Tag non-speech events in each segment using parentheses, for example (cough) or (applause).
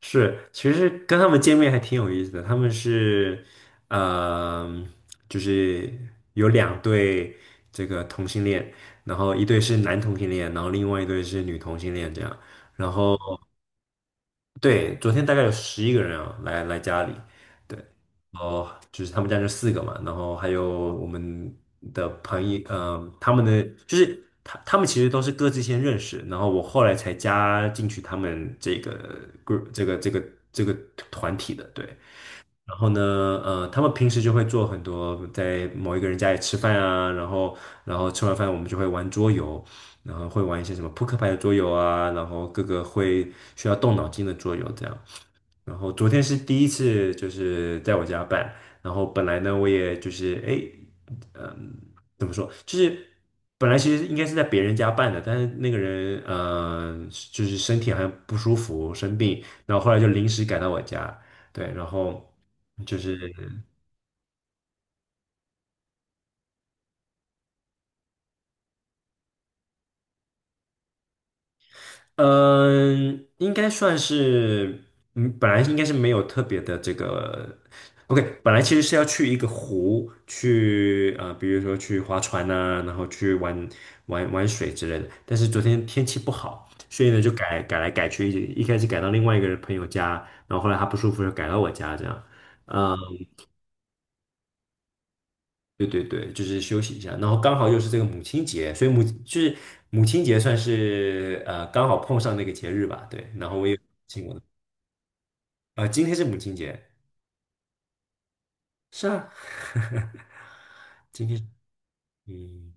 是，其实跟他们见面还挺有意思的。他们是，嗯、就是有两对这个同性恋，然后一对是男同性恋，然后另外一对是女同性恋这样。然后对，昨天大概有11个人啊，来家里，对，然后就是他们家就四个嘛，然后还有我们的朋友，他们的就是他们其实都是各自先认识，然后我后来才加进去他们这个 group 这个团体的，对，然后呢，他们平时就会做很多，在某一个人家里吃饭啊，然后吃完饭我们就会玩桌游，然后会玩一些什么扑克牌的桌游啊，然后各个会需要动脑筋的桌游这样。然后昨天是第一次，就是在我家办。然后本来呢，我也就是哎，嗯，怎么说？就是本来其实应该是在别人家办的，但是那个人就是身体好像不舒服，生病，然后后来就临时改到我家。对，然后就是。嗯，应该算是，本来应该是没有特别的这个，OK，本来其实是要去一个湖去，比如说去划船呐、然后去玩水之类的。但是昨天天气不好，所以呢就改来改去，一开始改到另外一个朋友家，然后后来他不舒服就改到我家这样。嗯，对对对，就是休息一下，然后刚好又是这个母亲节，所以母亲节算是刚好碰上那个节日吧，对，然后我也。请。啊，今天是母亲节，是啊，(laughs) 今天，嗯，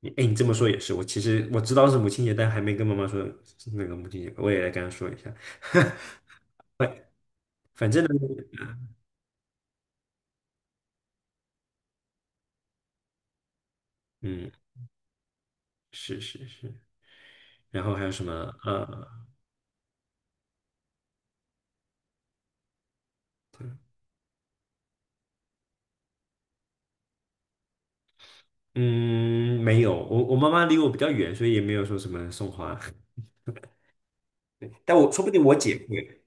你你这么说也是，我其实知道是母亲节，但还没跟妈妈说是那个母亲节，我也来跟她说一下。(laughs) 反反正呢，嗯，是是是，然后还有什么？呃，嗯，没有，我妈妈离我比较远，所以也没有说什么送花，(laughs) 但我说不定我姐会，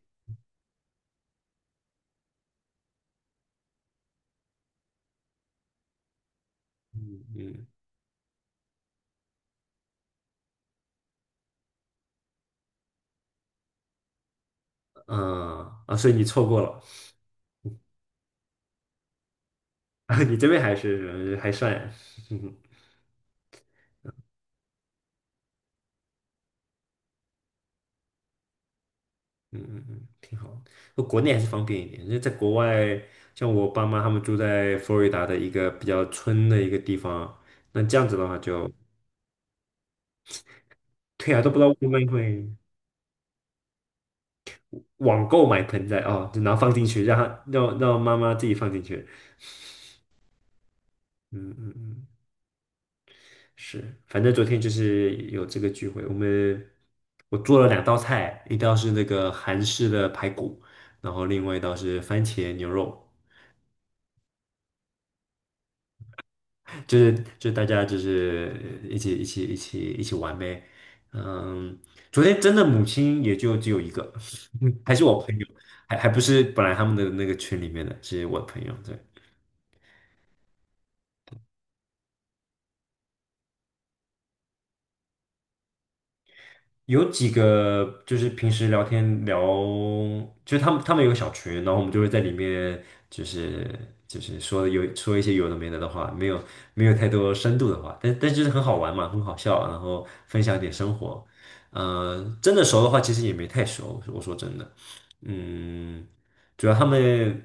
嗯嗯嗯啊，所以你错过了，(laughs) 你这边还是还算，(laughs) 嗯嗯嗯，挺好。那国内还是方便一点，因为在国外，像我爸妈他们住在佛罗里达的一个比较村的一个地方，那这样子的话就，对啊，都不知道外卖会网购买盆栽哦，就然后放进去，让他让让妈妈自己放进去。嗯嗯嗯，是，反正昨天就是有这个聚会，我做了两道菜，一道是那个韩式的排骨，然后另外一道是番茄牛肉。就是就是大家就是一起玩呗。嗯，昨天真的母亲也就只有一个，(laughs) 还是我朋友，还不是本来他们的那个群里面的，是我朋友。对。有几个就是平时聊天聊，就是他们有个小群，然后我们就会在里面就是就是说有说一些有的没的的话，没有太多深度的话，但就是很好玩嘛，很好笑，然后分享一点生活。真的熟的话，其实也没太熟，我说真的，嗯。主要他们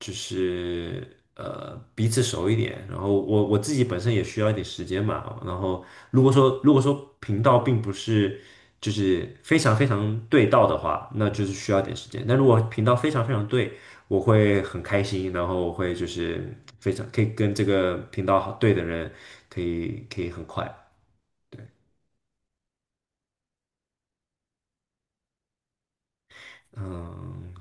就是彼此熟一点，然后我自己本身也需要一点时间嘛，然后如果说频道并不是就是非常非常对到的话，那就是需要点时间。但如果频道非常非常对，我会很开心，然后我会就是非常可以跟这个频道好对的人可以很快。对。嗯，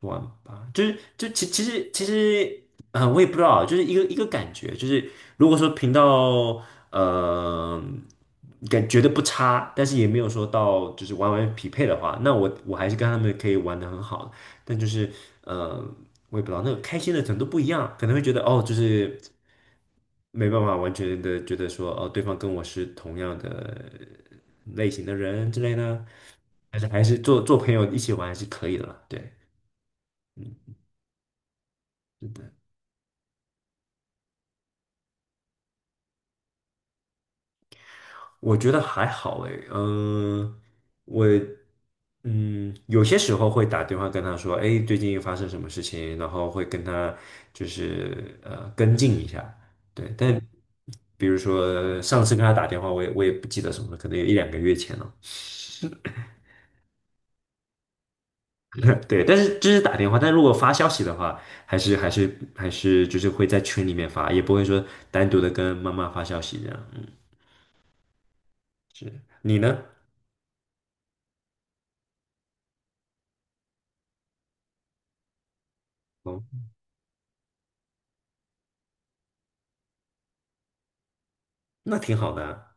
玩吧，就是就其其实其实，我也不知道啊，就是一个一个感觉，就是如果说频道呃感觉得不差，但是也没有说到就是匹配的话，那我还是跟他们可以玩的很好，但就是呃，我也不知道那个开心的程度不一样，可能会觉得哦，就是没办法完全的觉得说哦，对方跟我是同样的类型的人之类的，但是还是做做朋友一起玩还是可以的啦，对。我觉得还好诶，我有些时候会打电话跟他说，哎，最近发生什么事情，然后会跟他就是跟进一下，对，但比如说上次跟他打电话，我也不记得什么了，可能有一两个月前了，(laughs) 对，但是这是打电话，但如果发消息的话，还是就是会在群里面发，也不会说单独的跟妈妈发消息这样，嗯，是你呢？哦，那挺好的啊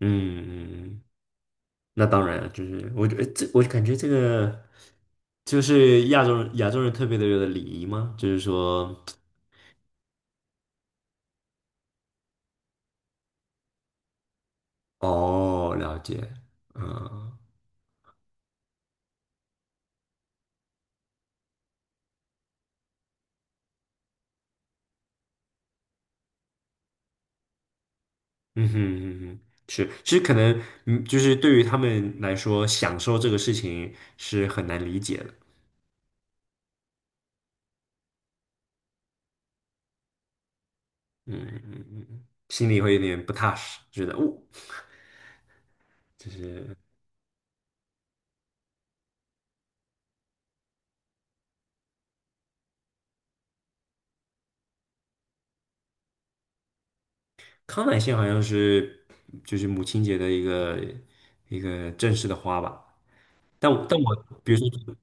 嗯嗯嗯。那当然了，就是我觉得这，我感觉这个就是亚洲人特别的有的礼仪吗？就是说，哦，了解，嗯嗯哼嗯哼，是，其实可能就是对于他们来说，享受这个事情是很难理解的，嗯嗯嗯，心里会有点不踏实，觉得哦，康乃馨好像是就是母亲节的一个正式的花吧，但我比如说。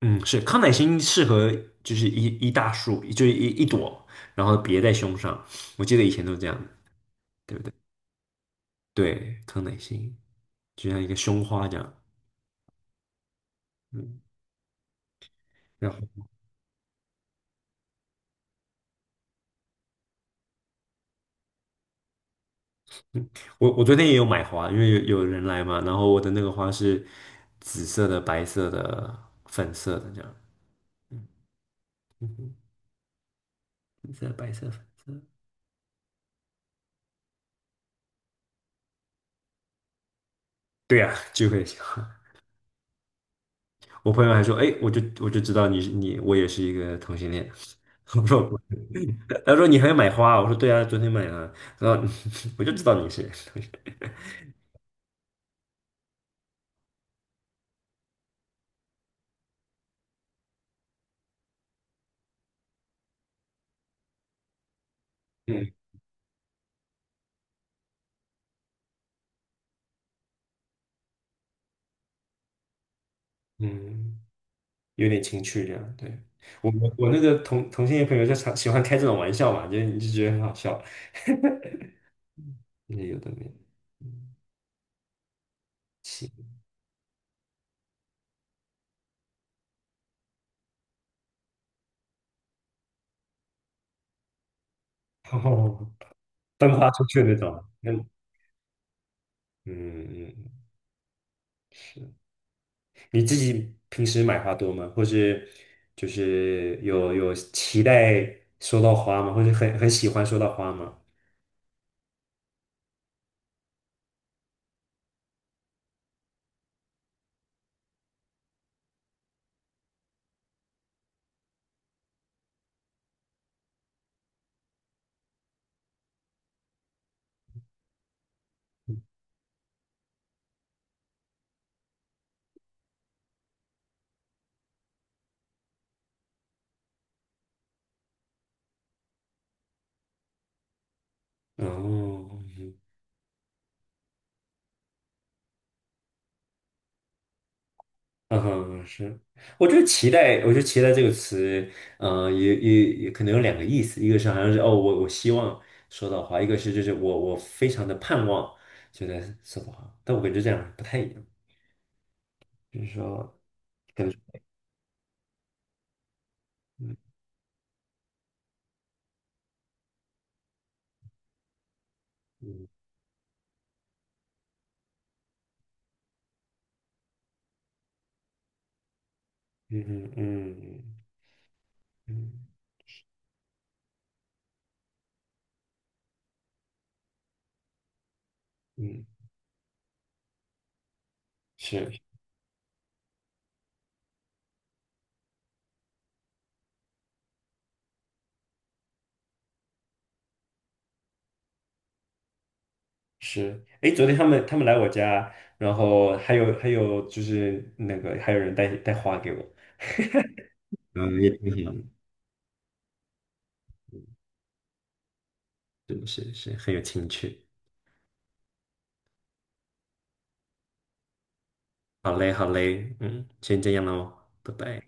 嗯，是康乃馨适合就是一大束，就是一朵，然后别在胸上。我记得以前都这样的，对不对？对，康乃馨就像一个胸花这样。嗯，然后我昨天也有买花，因为有人来嘛，然后我的那个花是紫色的、白色的、粉色的这样。嗯嗯哼，紫色、白色、粉色。对呀、聚会喜欢。我朋友还说，哎，我就知道你是你，我也是一个同性恋。(laughs) 我说他说你还要买花啊我说对啊，昨天买了。然后 (laughs) 我就知道你是，(laughs) 嗯嗯，有点情趣这样。对，我那个同性恋朋友就常喜欢开这种玩笑嘛，就你就觉得很好笑，那有的没的，嗯，行，(laughs) 哦，分发出去那种，嗯嗯嗯，是。你自己平时买花多吗？或是就是有期待收到花吗？或者很喜欢收到花吗？哦，嗯嗯哼，是，我觉得期待，我觉得期待这个词，也可能有两个意思，一个是好像是哦，我希望说到话，一个是就是我非常的盼望觉在说到话，但我感觉这样不太一样，就是说，可能，嗯嗯嗯嗯嗯嗯，是是，哎，昨天他们来我家，然后还有就是那个还有人带带花给我，嗯，也挺好的，是是是很有情趣。好嘞，好嘞，嗯，先这样喽，拜拜。